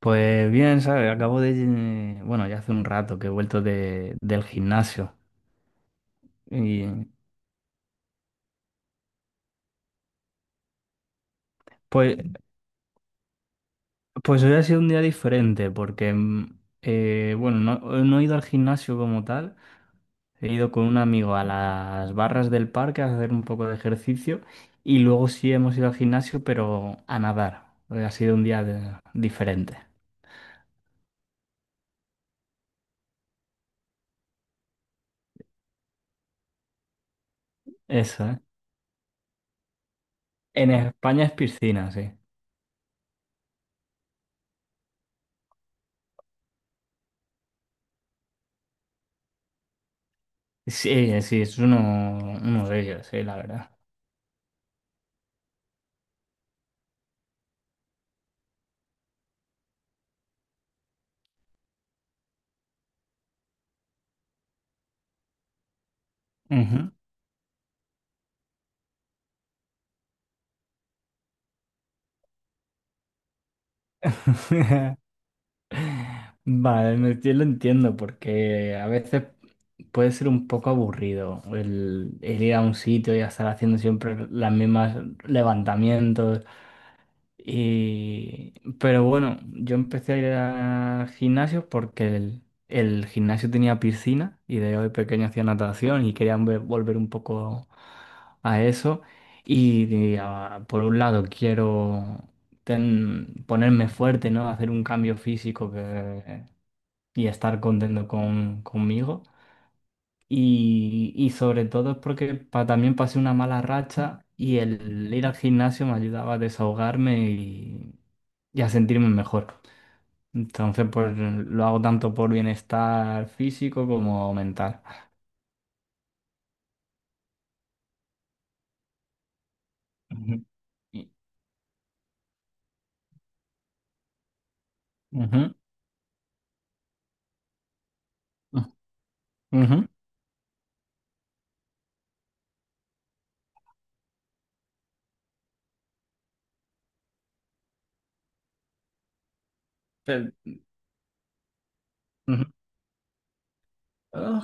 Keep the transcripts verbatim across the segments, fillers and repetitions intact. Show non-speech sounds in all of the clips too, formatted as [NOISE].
Pues bien, ¿sabes? Acabo de... eh, Bueno, ya hace un rato que he vuelto de- del gimnasio. Y pues, pues hoy ha sido un día diferente porque, mm, eh, bueno, no, no he ido al gimnasio como tal. He ido con un amigo a las barras del parque a hacer un poco de ejercicio y luego sí hemos ido al gimnasio, pero a nadar. Hoy ha sido un día de- diferente. Eso, ¿eh? En España es piscina, sí. Sí, sí, es uno, uno de ellos, sí, la verdad. Ujú. [LAUGHS] Vale, no- yo lo entiendo porque a veces puede ser un poco aburrido el, el ir a un sitio y estar haciendo siempre las mismas levantamientos. Y... Pero bueno, yo empecé a ir a gimnasios porque el, el gimnasio tenía piscina y de pequeño hacía natación y quería ve- volver un poco a eso. Y, y, ah, por un lado quiero ten- ponerme fuerte, ¿no? Hacer un cambio físico que y estar contento con, conmigo. Y, y sobre todo es porque pa- también pasé una mala racha y el ir al gimnasio me ayudaba a desahogarme y, y a sentirme mejor. Entonces, pues lo hago tanto por bienestar físico como mental. Ujú. Y- Ujú, ujú. Pero- Ujú. Oh,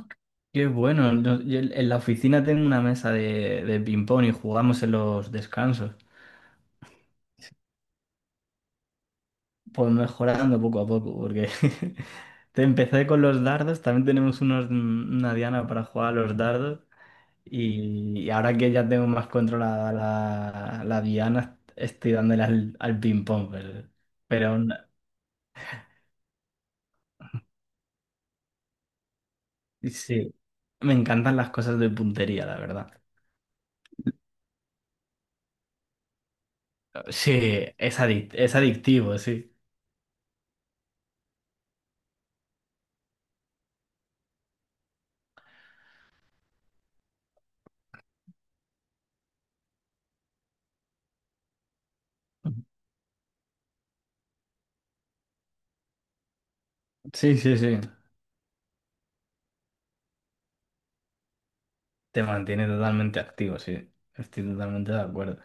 qué bueno. No, yo en en la oficina tengo una mesa de, de ping-pong y jugamos en los descansos. Pues mejorando poco a poco, porque [LAUGHS] te empecé con los dardos, también tenemos unos- una diana para jugar a los dardos y, y ahora que ya tengo más controlada la, la diana, estoy dándole al, al ping pong, pero, pero aún- sí, me encantan las cosas de puntería, la verdad. Sí, es adic- es adictivo, sí. Sí, sí, sí. Te mantiene totalmente activo, sí. Estoy totalmente de acuerdo.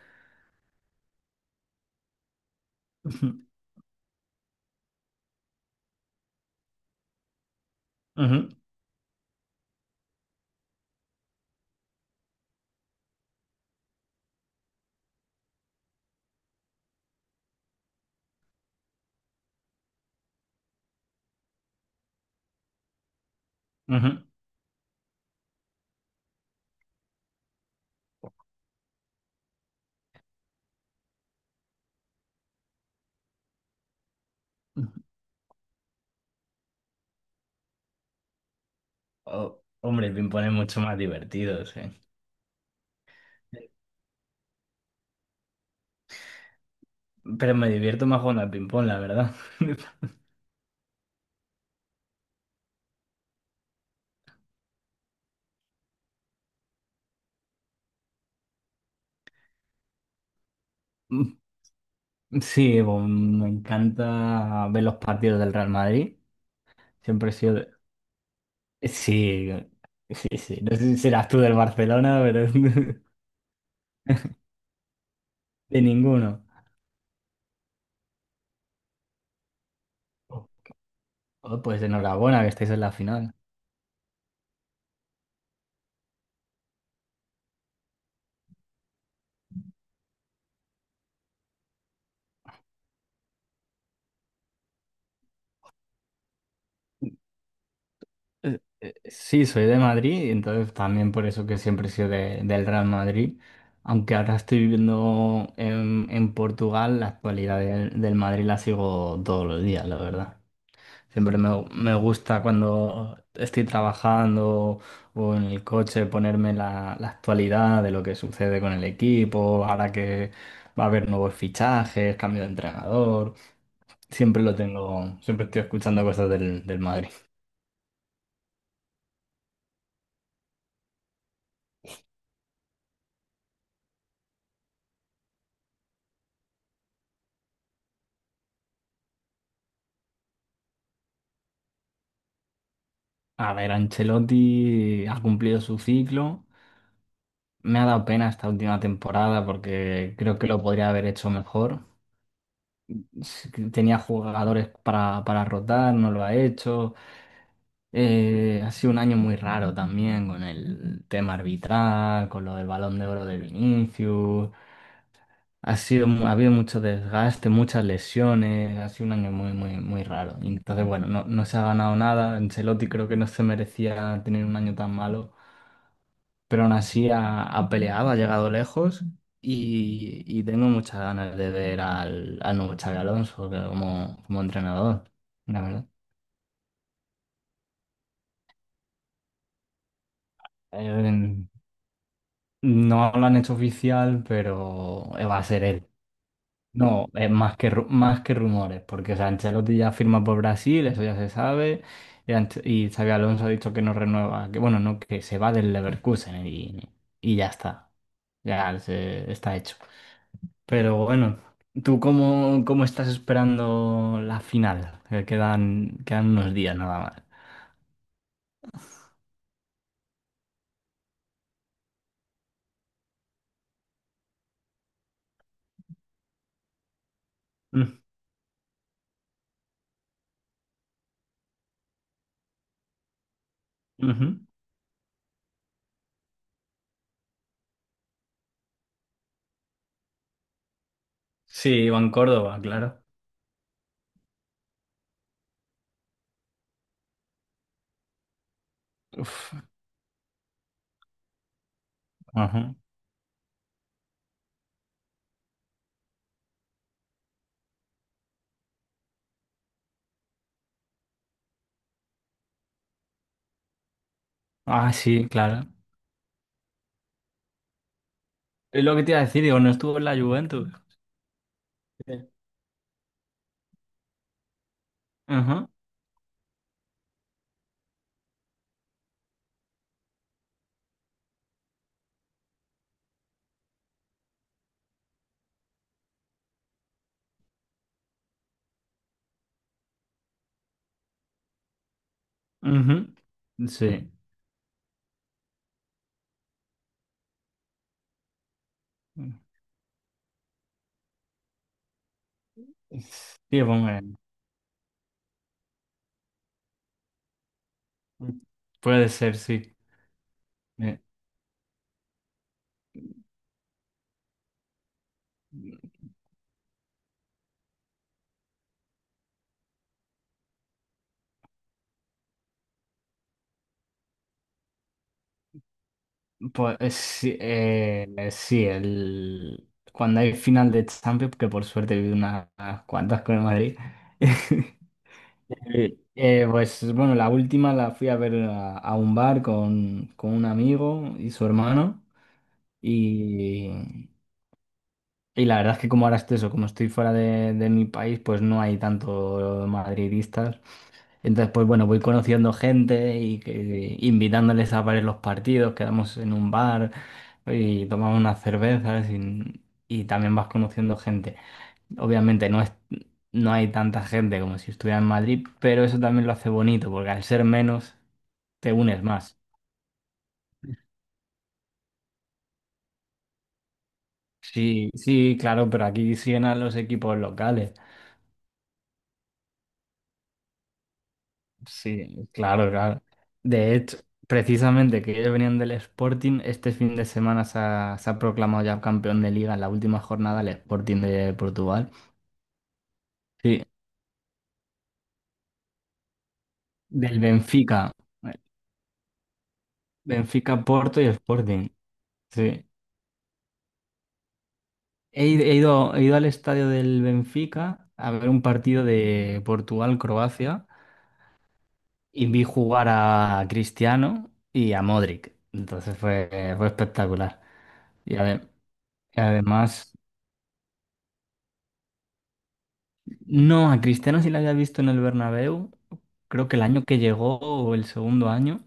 [LAUGHS] Ujú, ujú, ujú. Oh, hombre, el ping-pong es mucho más divertido, sí. Pero me divierto más jugando al ping-pong, la verdad. [LAUGHS] Sí, bueno, me encanta ver los partidos del Real Madrid. Siempre he sido... de- Sí, sí, sí. No sé si serás tú del Barcelona, pero [LAUGHS] de ninguno. Oh, pues enhorabuena que estáis en la final. Eh, eh, Sí, soy de Madrid, y entonces también por eso que siempre he sido de- del Real Madrid, aunque ahora estoy viviendo en, en Portugal, la actualidad del, del Madrid la sigo todos los días, la verdad. Siempre me, me gusta cuando estoy trabajando o en el coche ponerme la, la actualidad de lo que sucede con el equipo, ahora que va a haber nuevos fichajes, cambio de entrenador, siempre lo tengo, siempre estoy escuchando cosas del, del Madrid. A ver, Ancelotti ha cumplido su ciclo. Me ha dado pena esta última temporada porque creo que lo podría haber hecho mejor. S- Tenía jugadores para, para rotar, no lo ha hecho. Eh, ha sido un año muy raro también con el tema arbitral, con lo del Balón de Oro de Vinicius. Ha sido, mu- ha habido mucho desgaste, muchas lesiones. Ha sido un año muy, muy, muy raro. Y entonces, bueno, no, no se ha ganado nada. Ancelotti creo que no se merecía tener un año tan malo. Pero aún así ha, ha peleado, ha llegado lejos y, y tengo muchas ganas de ver al, al nuevo Xabi Alonso que como, como entrenador, la verdad. Eh, no lo han hecho oficial, pero va a ser él. No, es más que, ru- más que rumores, porque o sea, Ancelotti ya firma por Brasil, eso ya se sabe, y, Anche- y Xabi Alonso ha dicho que no renueva, que bueno, no, que se va del Leverkusen y, y ya está, ya se, está hecho. Pero bueno, ¿tú cómo, cómo estás esperando la final? Que quedan, quedan unos días nada más. Mm, ujú. Sí, Iván Córdoba, claro. Uf, ajá. Ah, sí, claro. Es lo que te iba a decir, digo, no estuvo en la Juventus. Sí. Ajá, ujú. Sí. Sí, hombre. Puede ser, sí. Eh, Pues eh, sí, eh, eh, sí, el, cuando hay final de Champions, que por suerte he vivido unas cuantas con el Madrid, [LAUGHS] eh, eh, pues bueno, la última la fui a ver a, a un bar con, con un amigo y su hermano y, y la verdad es que como ahora estoy eso, como estoy fuera de, de mi país, pues no hay tanto madridistas entonces, pues bueno, voy conociendo gente y que- invitándoles a varios los partidos, quedamos en un bar y tomamos unas cervezas y, y también vas conociendo gente. Obviamente no es, no hay tanta gente como si estuviera en Madrid, pero eso también lo hace bonito, porque al ser menos te unes más. Sí, sí, claro, pero aquí siguen a los equipos locales. Sí, claro, claro. De hecho, precisamente que ellos venían del Sporting, este fin de semana se ha, se ha proclamado ya campeón de liga en la última jornada el Sporting de Portugal. Sí, del Benfica. Benfica, Porto y Sporting. Sí. He, ido, he ido he ido al estadio del Benfica a ver un partido de Portugal-Croacia y vi jugar a Cristiano y a Modric. Entonces fue, fue espectacular. Y ade- y además... No, a Cristiano sí la había visto en el Bernabéu, creo que el año que llegó o el segundo año.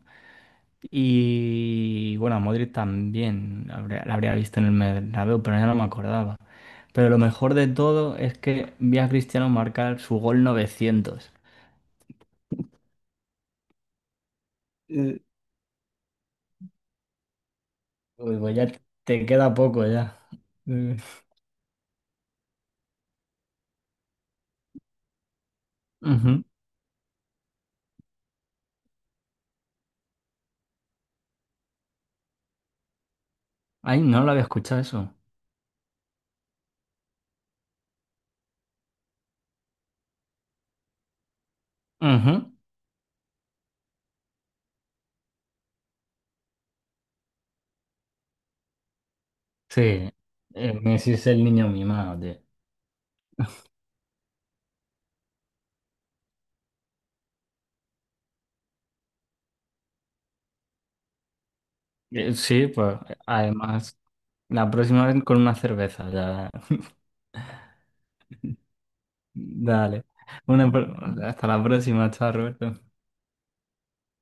Y bueno, a Modric también la habría, la habría visto en el Bernabéu, pero ya no me acordaba. Pero lo mejor de todo es que vi a Cristiano marcar su gol novecientos. Eh, Uy, pues ya te queda poco ya. Eh, Ujú. Ay, no lo había escuchado eso. Ujú. Sí, Eh, Messi es el niño mimado, tío. Eh, sí, pues además. La próxima vez con una cerveza, ya. [LAUGHS] Dale. Una, pro- Hasta la próxima, chao, Roberto.